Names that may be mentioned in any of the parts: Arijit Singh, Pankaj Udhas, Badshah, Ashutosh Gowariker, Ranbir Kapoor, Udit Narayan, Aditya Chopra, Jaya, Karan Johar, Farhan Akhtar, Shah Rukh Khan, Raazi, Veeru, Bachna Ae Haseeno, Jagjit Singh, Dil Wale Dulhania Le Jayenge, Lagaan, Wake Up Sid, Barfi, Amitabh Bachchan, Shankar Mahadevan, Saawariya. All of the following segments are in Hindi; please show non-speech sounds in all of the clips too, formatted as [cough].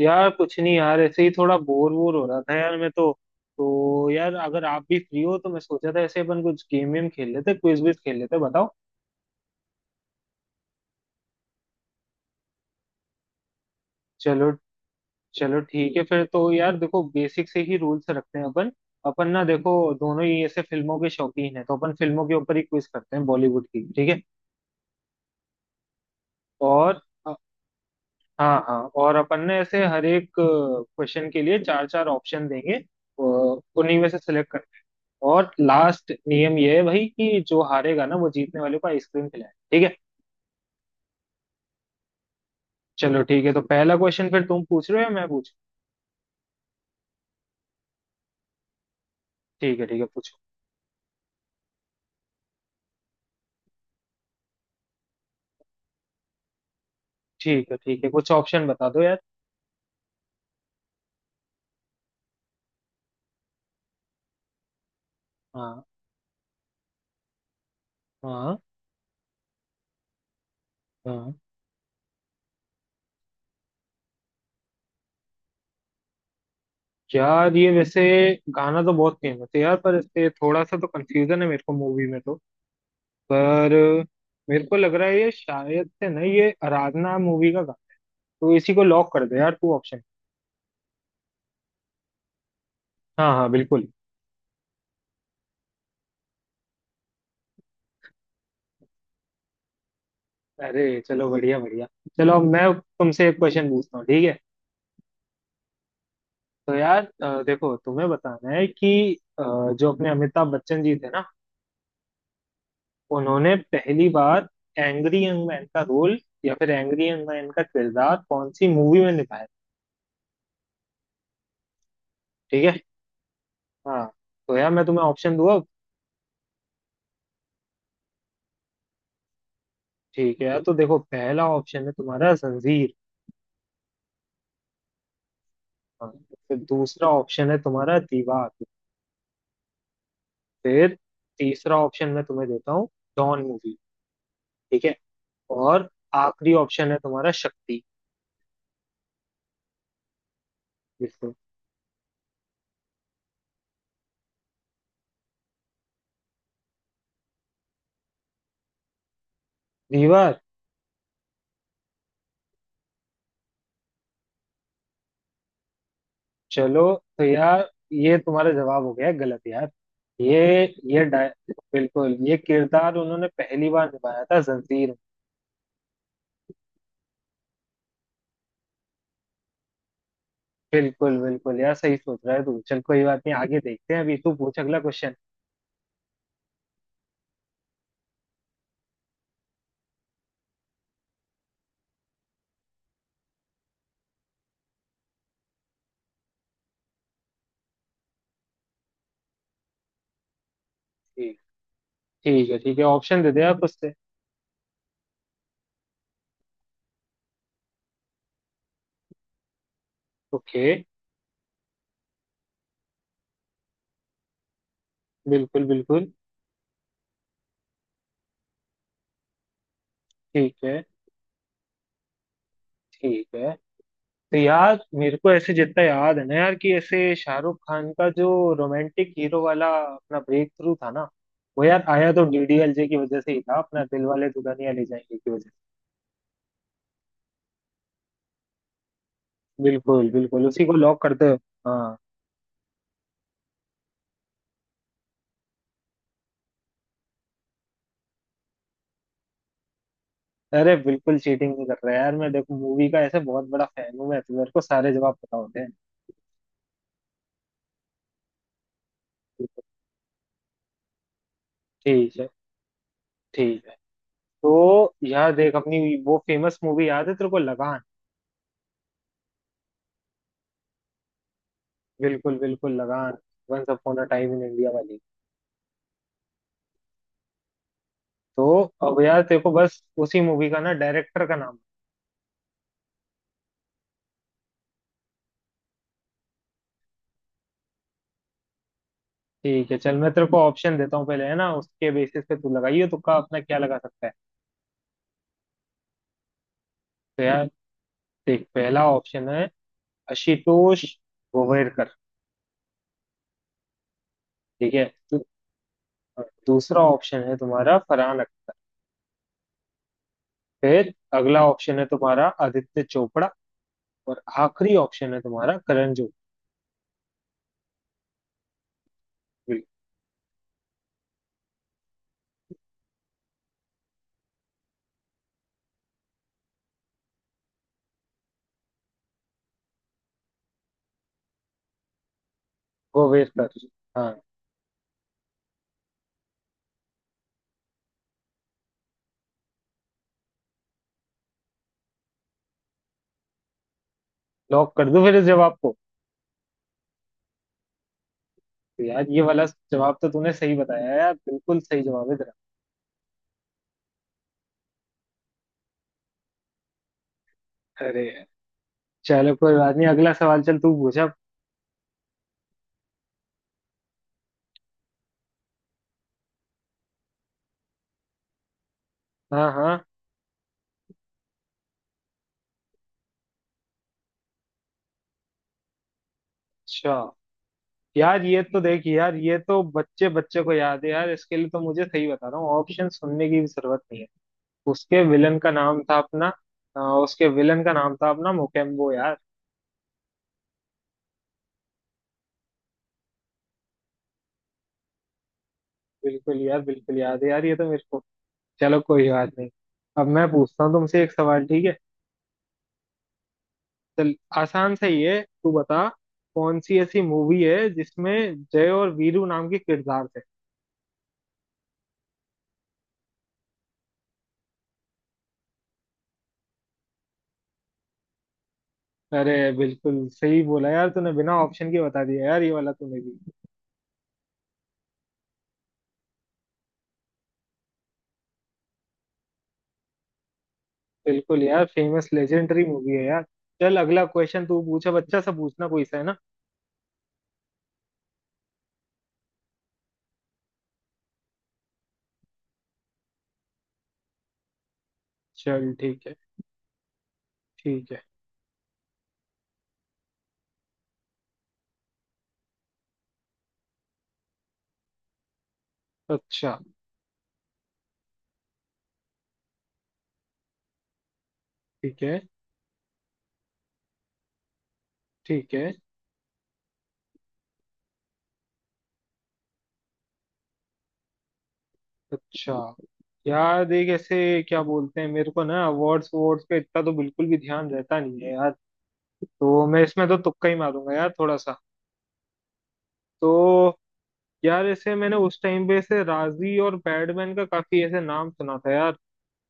यार कुछ नहीं यार, ऐसे ही थोड़ा बोर बोर हो रहा था यार मैं तो। तो यार, अगर आप भी फ्री हो तो मैं सोचा था ऐसे अपन कुछ गेम वेम खेल लेते, क्विज विज खेल लेते, बताओ। चलो चलो ठीक है फिर तो यार, देखो बेसिक से ही रूल्स रखते हैं अपन अपन ना देखो, दोनों ही ऐसे फिल्मों के शौकीन हैं, तो अपन फिल्मों के ऊपर ही क्विज करते हैं बॉलीवुड की, ठीक है। और हाँ हाँ, और अपन ने ऐसे हर एक क्वेश्चन के लिए चार चार ऑप्शन देंगे, उन्हीं में से सिलेक्ट। और लास्ट नियम ये है भाई कि जो हारेगा ना वो जीतने वाले को आइसक्रीम खिलाए, ठीक है। चलो ठीक है, तो पहला क्वेश्चन फिर तुम पूछ रहे हो या मैं पूछूं? ठीक है ठीक है, पूछो। ठीक है ठीक है, कुछ ऑप्शन बता दो यार। हाँ हाँ हाँ। यार ये वैसे गाना तो बहुत फेमस है यार, पर इससे थोड़ा सा तो कंफ्यूजन है मेरे को मूवी में तो। पर मेरे को लग रहा है ये शायद से ना, ये आराधना मूवी का गाना। तो इसी को लॉक कर दे यार तू ऑप्शन। हाँ हाँ बिल्कुल। अरे चलो बढ़िया बढ़िया। चलो अब मैं तुमसे एक क्वेश्चन पूछता हूँ, ठीक है। तो यार देखो तुम्हें बताना है कि जो अपने अमिताभ बच्चन जी थे ना, उन्होंने पहली बार एंग्री यंग मैन का रोल या फिर एंग्री यंग मैन का किरदार कौन सी मूवी में निभाया? ठीक है। हाँ, तो यार मैं तुम्हें ऑप्शन दूँ अब। ठीक है यार, तो देखो पहला ऑप्शन है तुम्हारा जंजीर। हाँ। फिर दूसरा ऑप्शन है तुम्हारा दीवार। फिर तीसरा ऑप्शन मैं तुम्हें देता हूँ, डॉन मूवी, ठीक है। और आखिरी ऑप्शन है तुम्हारा शक्ति। बिल्कुल। दीवार। चलो, तो यार ये तुम्हारा जवाब हो गया गलत यार। ये ये डाय बिल्कुल ये किरदार उन्होंने पहली बार निभाया था जंजीर में। बिल्कुल बिल्कुल यार, सही सोच रहा है तू, चल कोई बात नहीं, आगे देखते हैं। अभी तू पूछ अगला क्वेश्चन। ठीक ठीक है ठीक है, ऑप्शन दे दे आप उससे। ओके। बिल्कुल बिल्कुल। ठीक है ठीक है। तो यार मेरे को ऐसे जितना याद है ना यार, कि ऐसे शाहरुख खान का जो रोमांटिक हीरो वाला अपना ब्रेक थ्रू था ना, वो यार आया तो डीडीएलजे की वजह से ही था, अपना दिल वाले दुल्हनिया ले जाएंगे की वजह से। बिल्कुल बिल्कुल, उसी को लॉक करते हो। हाँ। अरे बिल्कुल चीटिंग नहीं कर रहा यार मैं, देखो मूवी का ऐसे बहुत बड़ा फैन हूँ मैं तो, मेरे को सारे जवाब पता होते हैं। बिल्कुल। ठीक है ठीक है। तो यार देख अपनी वो फेमस मूवी याद है तेरे को, लगान? बिल्कुल बिल्कुल Lagaan, once upon a time in India वाली। तो अब यार तेरे को बस उसी मूवी का ना डायरेक्टर का नाम। ठीक है, चल मैं तेरे को ऑप्शन देता हूँ पहले, है ना, उसके बेसिस पे तू लगाइए तुक्का, अपना क्या लगा सकता है। तो यार देख, पहला ऑप्शन है आशुतोष गोवेरकर, ठीक है। दू- दूसरा ऑप्शन है तुम्हारा फरहान अख्तर। फिर अगला ऑप्शन है तुम्हारा आदित्य चोपड़ा। और आखिरी ऑप्शन है तुम्हारा करण जौहर। गोवेरकर। हाँ। लॉक कर दूं फिर इस जवाब को? तो यार ये वाला जवाब तो तूने सही बताया यार, बिल्कुल सही जवाब है तेरा। अरे चलो कोई बात नहीं, अगला सवाल चल तू पूछ अब। हाँ हाँ। अच्छा, यार ये तो देख यार, ये तो बच्चे बच्चे को याद है यार, इसके लिए तो मुझे सही बता रहा हूँ, ऑप्शन सुनने की भी जरूरत नहीं है। उसके विलन का नाम था अपना उसके विलन का नाम था अपना मोकेम्बो यार। बिल्कुल यार, बिल्कुल याद है यार ये तो मेरे को। चलो कोई बात नहीं, अब मैं पूछता हूँ तुमसे एक सवाल, ठीक है। चल आसान सा ही है, तू बता, कौन सी ऐसी मूवी है जिसमें जय और वीरू नाम के किरदार थे? अरे बिल्कुल सही बोला यार तूने, बिना ऑप्शन के बता दिया यार, ये वाला तूने भी। बिल्कुल यार, फेमस लेजेंडरी मूवी है यार। चल अगला क्वेश्चन तू पूछा, बच्चा सा पूछना कोई सा, है ना। चल ठीक है ठीक है। अच्छा। ठीक है ठीक है। अच्छा यार, देख ऐसे क्या बोलते हैं मेरे को ना, अवार्ड्स अवार्ड्स पे इतना तो बिल्कुल भी ध्यान रहता नहीं है यार, तो मैं इसमें तो तुक्का ही मारूंगा यार थोड़ा सा। तो यार ऐसे मैंने उस टाइम पे ऐसे राजी और पैडमैन का काफी ऐसे नाम सुना था यार,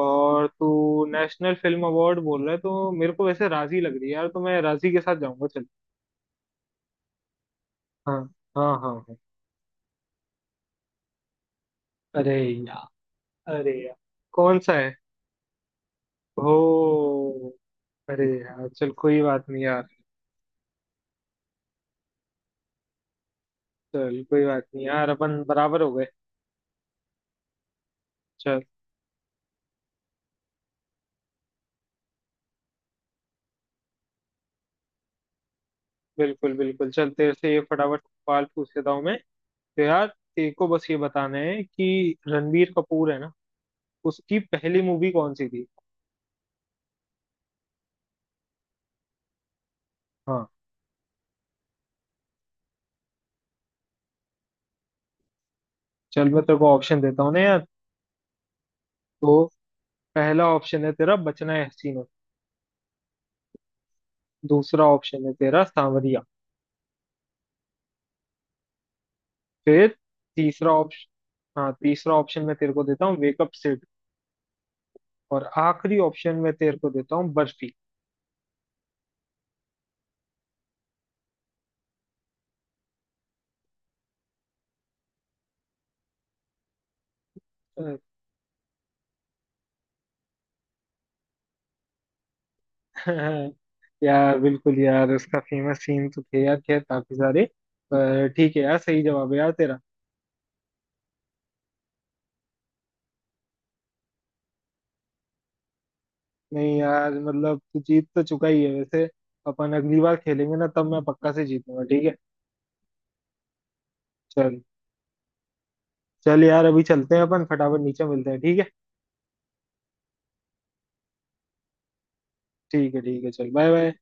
और तू नेशनल फिल्म अवार्ड बोल रहा है, तो मेरे को वैसे राजी लग रही है यार, तो मैं राजी के साथ जाऊंगा चल। हाँ हाँ हाँ हाँ। अरे यार, अरे यार। कौन सा है? ओ। अरे यार चल कोई बात नहीं यार। चल कोई बात नहीं यार, अपन बराबर हो गए। चल। बिल्कुल बिल्कुल, चल तेरे से ये फटाफट सवाल पूछ लेता हूँ मैं। तो यार तेरे को बस ये बताना है कि रणबीर कपूर है ना, उसकी पहली मूवी कौन सी थी? हाँ। चल मैं तेरे को ऑप्शन देता हूँ ना यार। तो पहला ऑप्शन है तेरा, बचना है हसीनो। दूसरा ऑप्शन है तेरा सांवरिया। फिर तीसरा ऑप्शन, हाँ तीसरा ऑप्शन मैं तेरे को देता हूँ वेकअप सिड। और आखिरी ऑप्शन मैं तेरे को देता हूँ बर्फी। अ, [laughs] यार बिल्कुल यार, उसका फेमस सीन तो थे यार खैर काफी सारे। पर ठीक है यार, सही जवाब है यार तेरा। नहीं यार, मतलब तू जीत तो चुका ही है वैसे। अपन अगली बार खेलेंगे ना, तब मैं पक्का से जीतूंगा, ठीक है। चल। चल यार, अभी चलते हैं अपन फटाफट, नीचे मिलते हैं, ठीक है। ठीक है ठीक है, चल बाय बाय।